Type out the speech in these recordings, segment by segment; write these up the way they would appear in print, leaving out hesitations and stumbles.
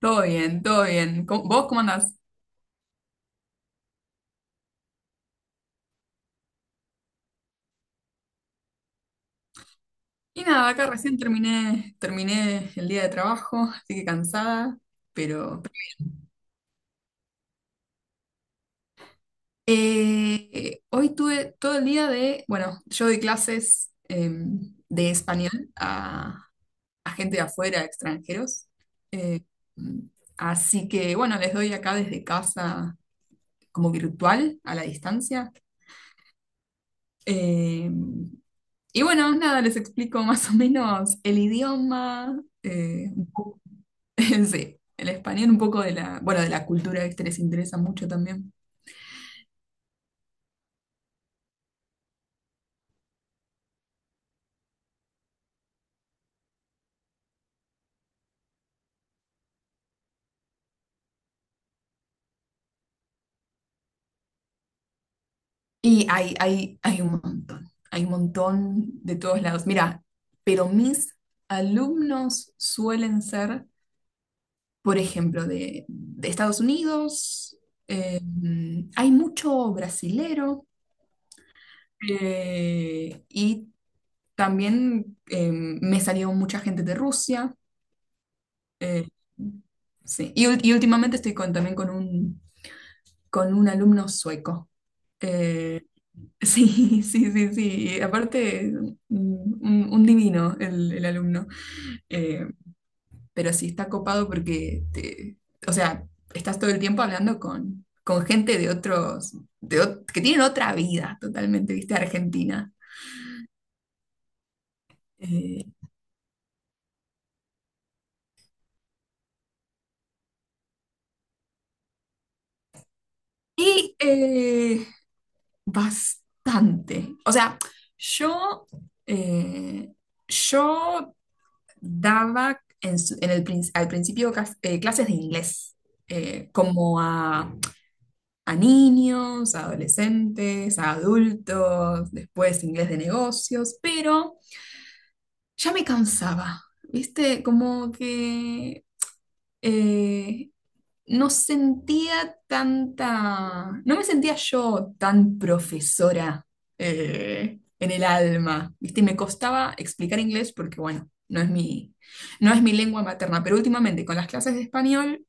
Todo bien, todo bien. ¿Cómo- ¿Vos cómo andás? Y nada, acá recién terminé, el día de trabajo, así que cansada, pero... hoy tuve todo el día de, bueno, yo doy clases de español a gente de afuera, extranjeros. Eh, así que, bueno, les doy acá desde casa como virtual, a la distancia. Em, y bueno, nada, les explico más o menos el idioma, eh, sí, el español un poco de la, bueno, de la cultura que les interesa mucho también. Y hay un montón de todos lados. Mira, pero mis alumnos suelen ser, por ejemplo, de Estados Unidos, eh, hay mucho brasilero y también me salió mucha gente de Rusia. eh, sí, y, y últimamente estoy con, también con un alumno sueco. Eh, sí, sí, sí, sí. Y aparte, un, un divino el alumno. Eh, pero sí está copado porque, te, o sea, estás todo el tiempo hablando con gente de otros, de, que tienen otra vida totalmente, viste, Argentina. Eh, y eh, bastante. O sea, yo... eh, yo daba en en el al principio clases de inglés, como a niños, a adolescentes, a adultos, después inglés de negocios, pero ya me cansaba, ¿viste? Como que eh, no sentía tanta, no me sentía yo tan profesora en el alma, ¿viste? Y me costaba explicar inglés porque, bueno, no es mi, no es mi lengua materna, pero últimamente con las clases de español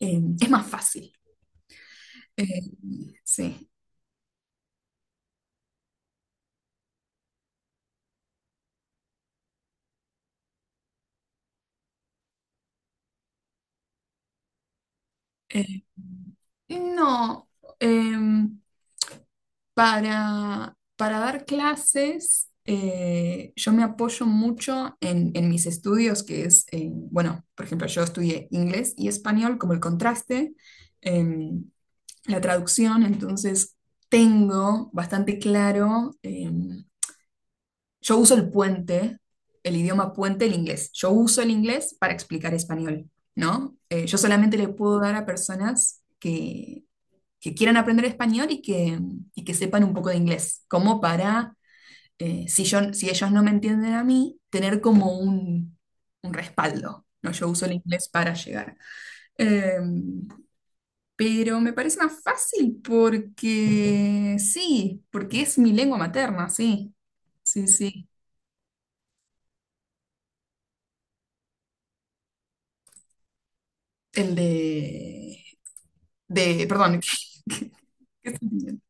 es más fácil. Eh, sí. Eh, no. eh, para dar clases, yo me apoyo mucho en mis estudios, que es, bueno, por ejemplo, yo estudié inglés y español como el contraste, em, la traducción, entonces tengo bastante claro, yo uso el puente, el idioma puente, el inglés. Yo uso el inglés para explicar español, ¿no? Yo solamente le puedo dar a personas que quieran aprender español y que sepan un poco de inglés, como para, si yo, si ellos no me entienden a mí, tener como un respaldo, ¿no? Yo uso el inglés para llegar. Eh, pero me parece más fácil porque sí, porque es mi lengua materna, sí, sí, sí. El de, perdón, qué- qué sentimiento?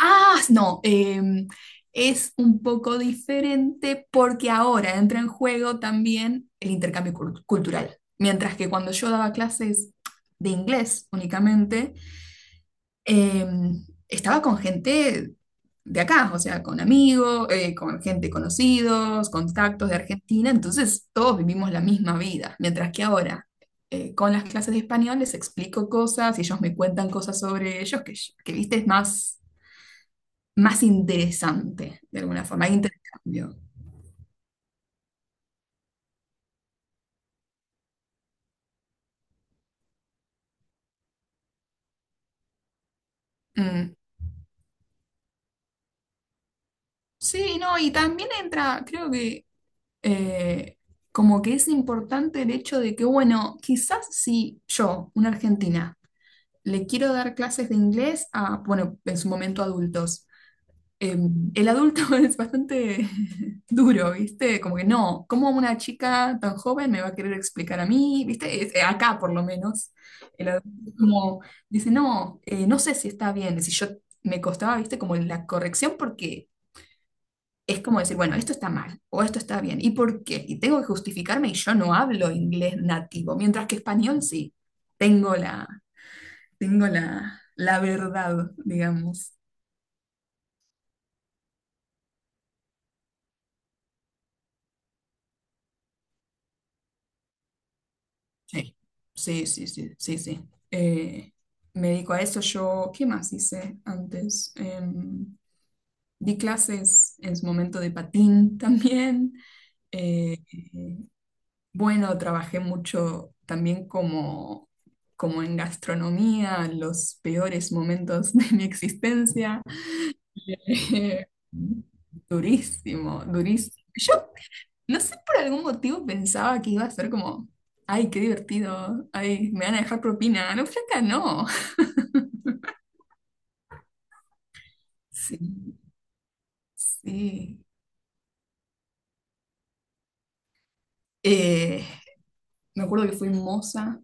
Ah, no, es un poco diferente porque ahora entra en juego también el intercambio cultural. Mientras que cuando yo daba clases de inglés únicamente, estaba con gente de acá, o sea, con amigos, con gente conocidos, contactos de Argentina, entonces todos vivimos la misma vida. Mientras que ahora... con las clases de español les explico cosas y ellos me cuentan cosas sobre ellos que viste, es más más interesante, de alguna forma, hay intercambio. Mm. Sí, no, y también entra, creo que eh, como que es importante el hecho de que, bueno, quizás si yo, una argentina, le quiero dar clases de inglés a, bueno, en su momento adultos, el adulto es bastante duro, ¿viste? Como que no, ¿cómo una chica tan joven me va a querer explicar a mí? ¿Viste? Acá por lo menos, el adulto es como dice, no, no sé si está bien, si yo me costaba, ¿viste? Como la corrección porque es como decir, bueno, esto está mal o esto está bien, ¿y por qué? Y tengo que justificarme y yo no hablo inglés nativo, mientras que español sí, tengo la, tengo la, la verdad, digamos. Sí, sí, sí, sí, sí, sí. Eh, me dedico a eso. Yo, ¿qué más hice antes? Di clases en su momento de patín también. Eh, eh, bueno, trabajé mucho también como, como en gastronomía, los peores momentos de mi existencia. Eh, durísimo, durísimo. Yo no sé, por algún motivo pensaba que iba a ser como, ay, qué divertido, ay, me van a dejar propina. No, flaca, no. Sí, sí. Eh, me acuerdo que fui moza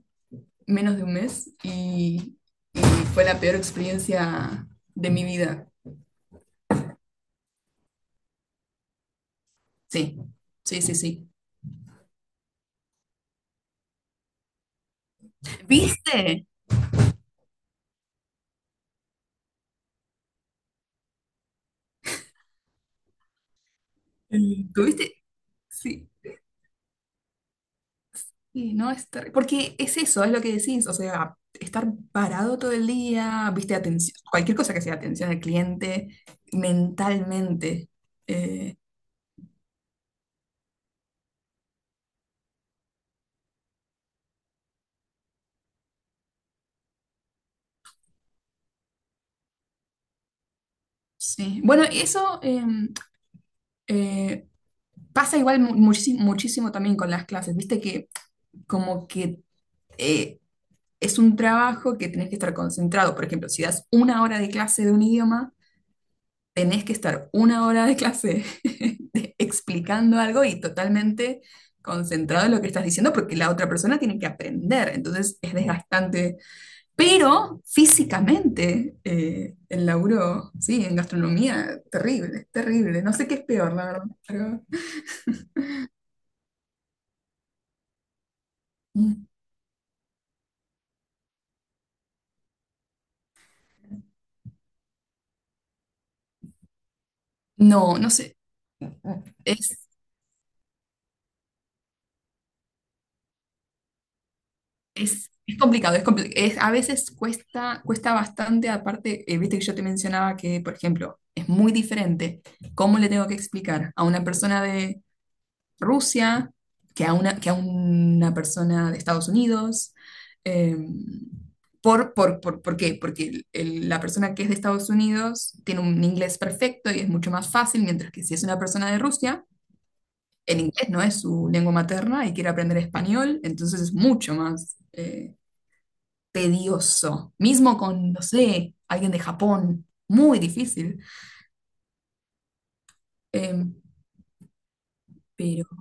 menos de un mes y fue la peor experiencia de mi vida. Sí, sí, sí, sí. ¿Viste? Mm, ¿tuviste? Sí. Sí, no es porque es eso, es lo que decís, o sea, estar parado todo el día, viste, atención, cualquier cosa que sea atención al cliente, mentalmente. eh, sí. Bueno, eso eh, pasa igual muchísimo, muchísimo también con las clases, viste que como que eh, es un trabajo que tenés que estar concentrado. Por ejemplo, si das una hora de clase de un idioma, tenés que estar una hora de clase de- explicando algo y totalmente concentrado en lo que estás diciendo porque la otra persona tiene que aprender, entonces es desgastante. Pero físicamente, el laburo, sí, en gastronomía, terrible, terrible. No sé qué es peor, la verdad, pero- mm, no, no sé. Es, es complicado, es a veces cuesta, cuesta bastante, aparte, viste que yo te mencionaba que, por ejemplo, es muy diferente cómo le tengo que explicar a una persona de Rusia que a una persona de Estados Unidos. eh, ¿Por qué? Porque la persona que es de Estados Unidos tiene un inglés perfecto y es mucho más fácil, mientras que si es una persona de Rusia, el inglés no es su lengua materna y quiere aprender español, entonces es mucho más... tedioso. Mismo con, no sé, alguien de Japón. Muy difícil. Em, pero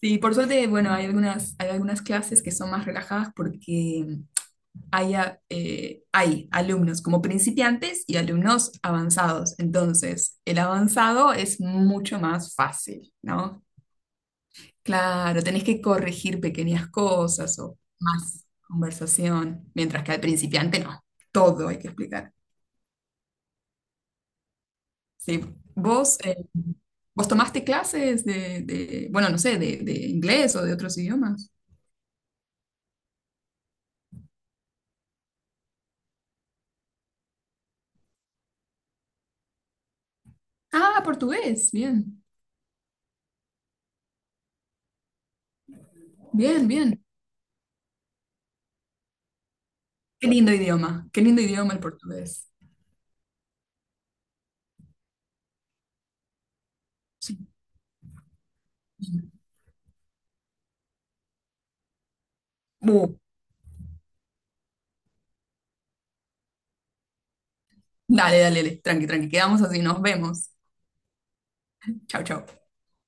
sí, por suerte, bueno, hay algunas clases que son más relajadas porque hay, hay alumnos como principiantes y alumnos avanzados. Entonces, el avanzado es mucho más fácil, ¿no? Claro, tenés que corregir pequeñas cosas o más conversación, mientras que al principiante no. Todo hay que explicar. Sí. ¿Vos, vos tomaste clases de, bueno, no sé, de inglés o de otros idiomas? Ah, portugués. Bien, bien, bien. Qué lindo idioma. Qué lindo idioma el portugués. Sí. Uh, dale, dale, dale. Tranqui, tranqui. Quedamos así. Nos vemos. Chau, chau.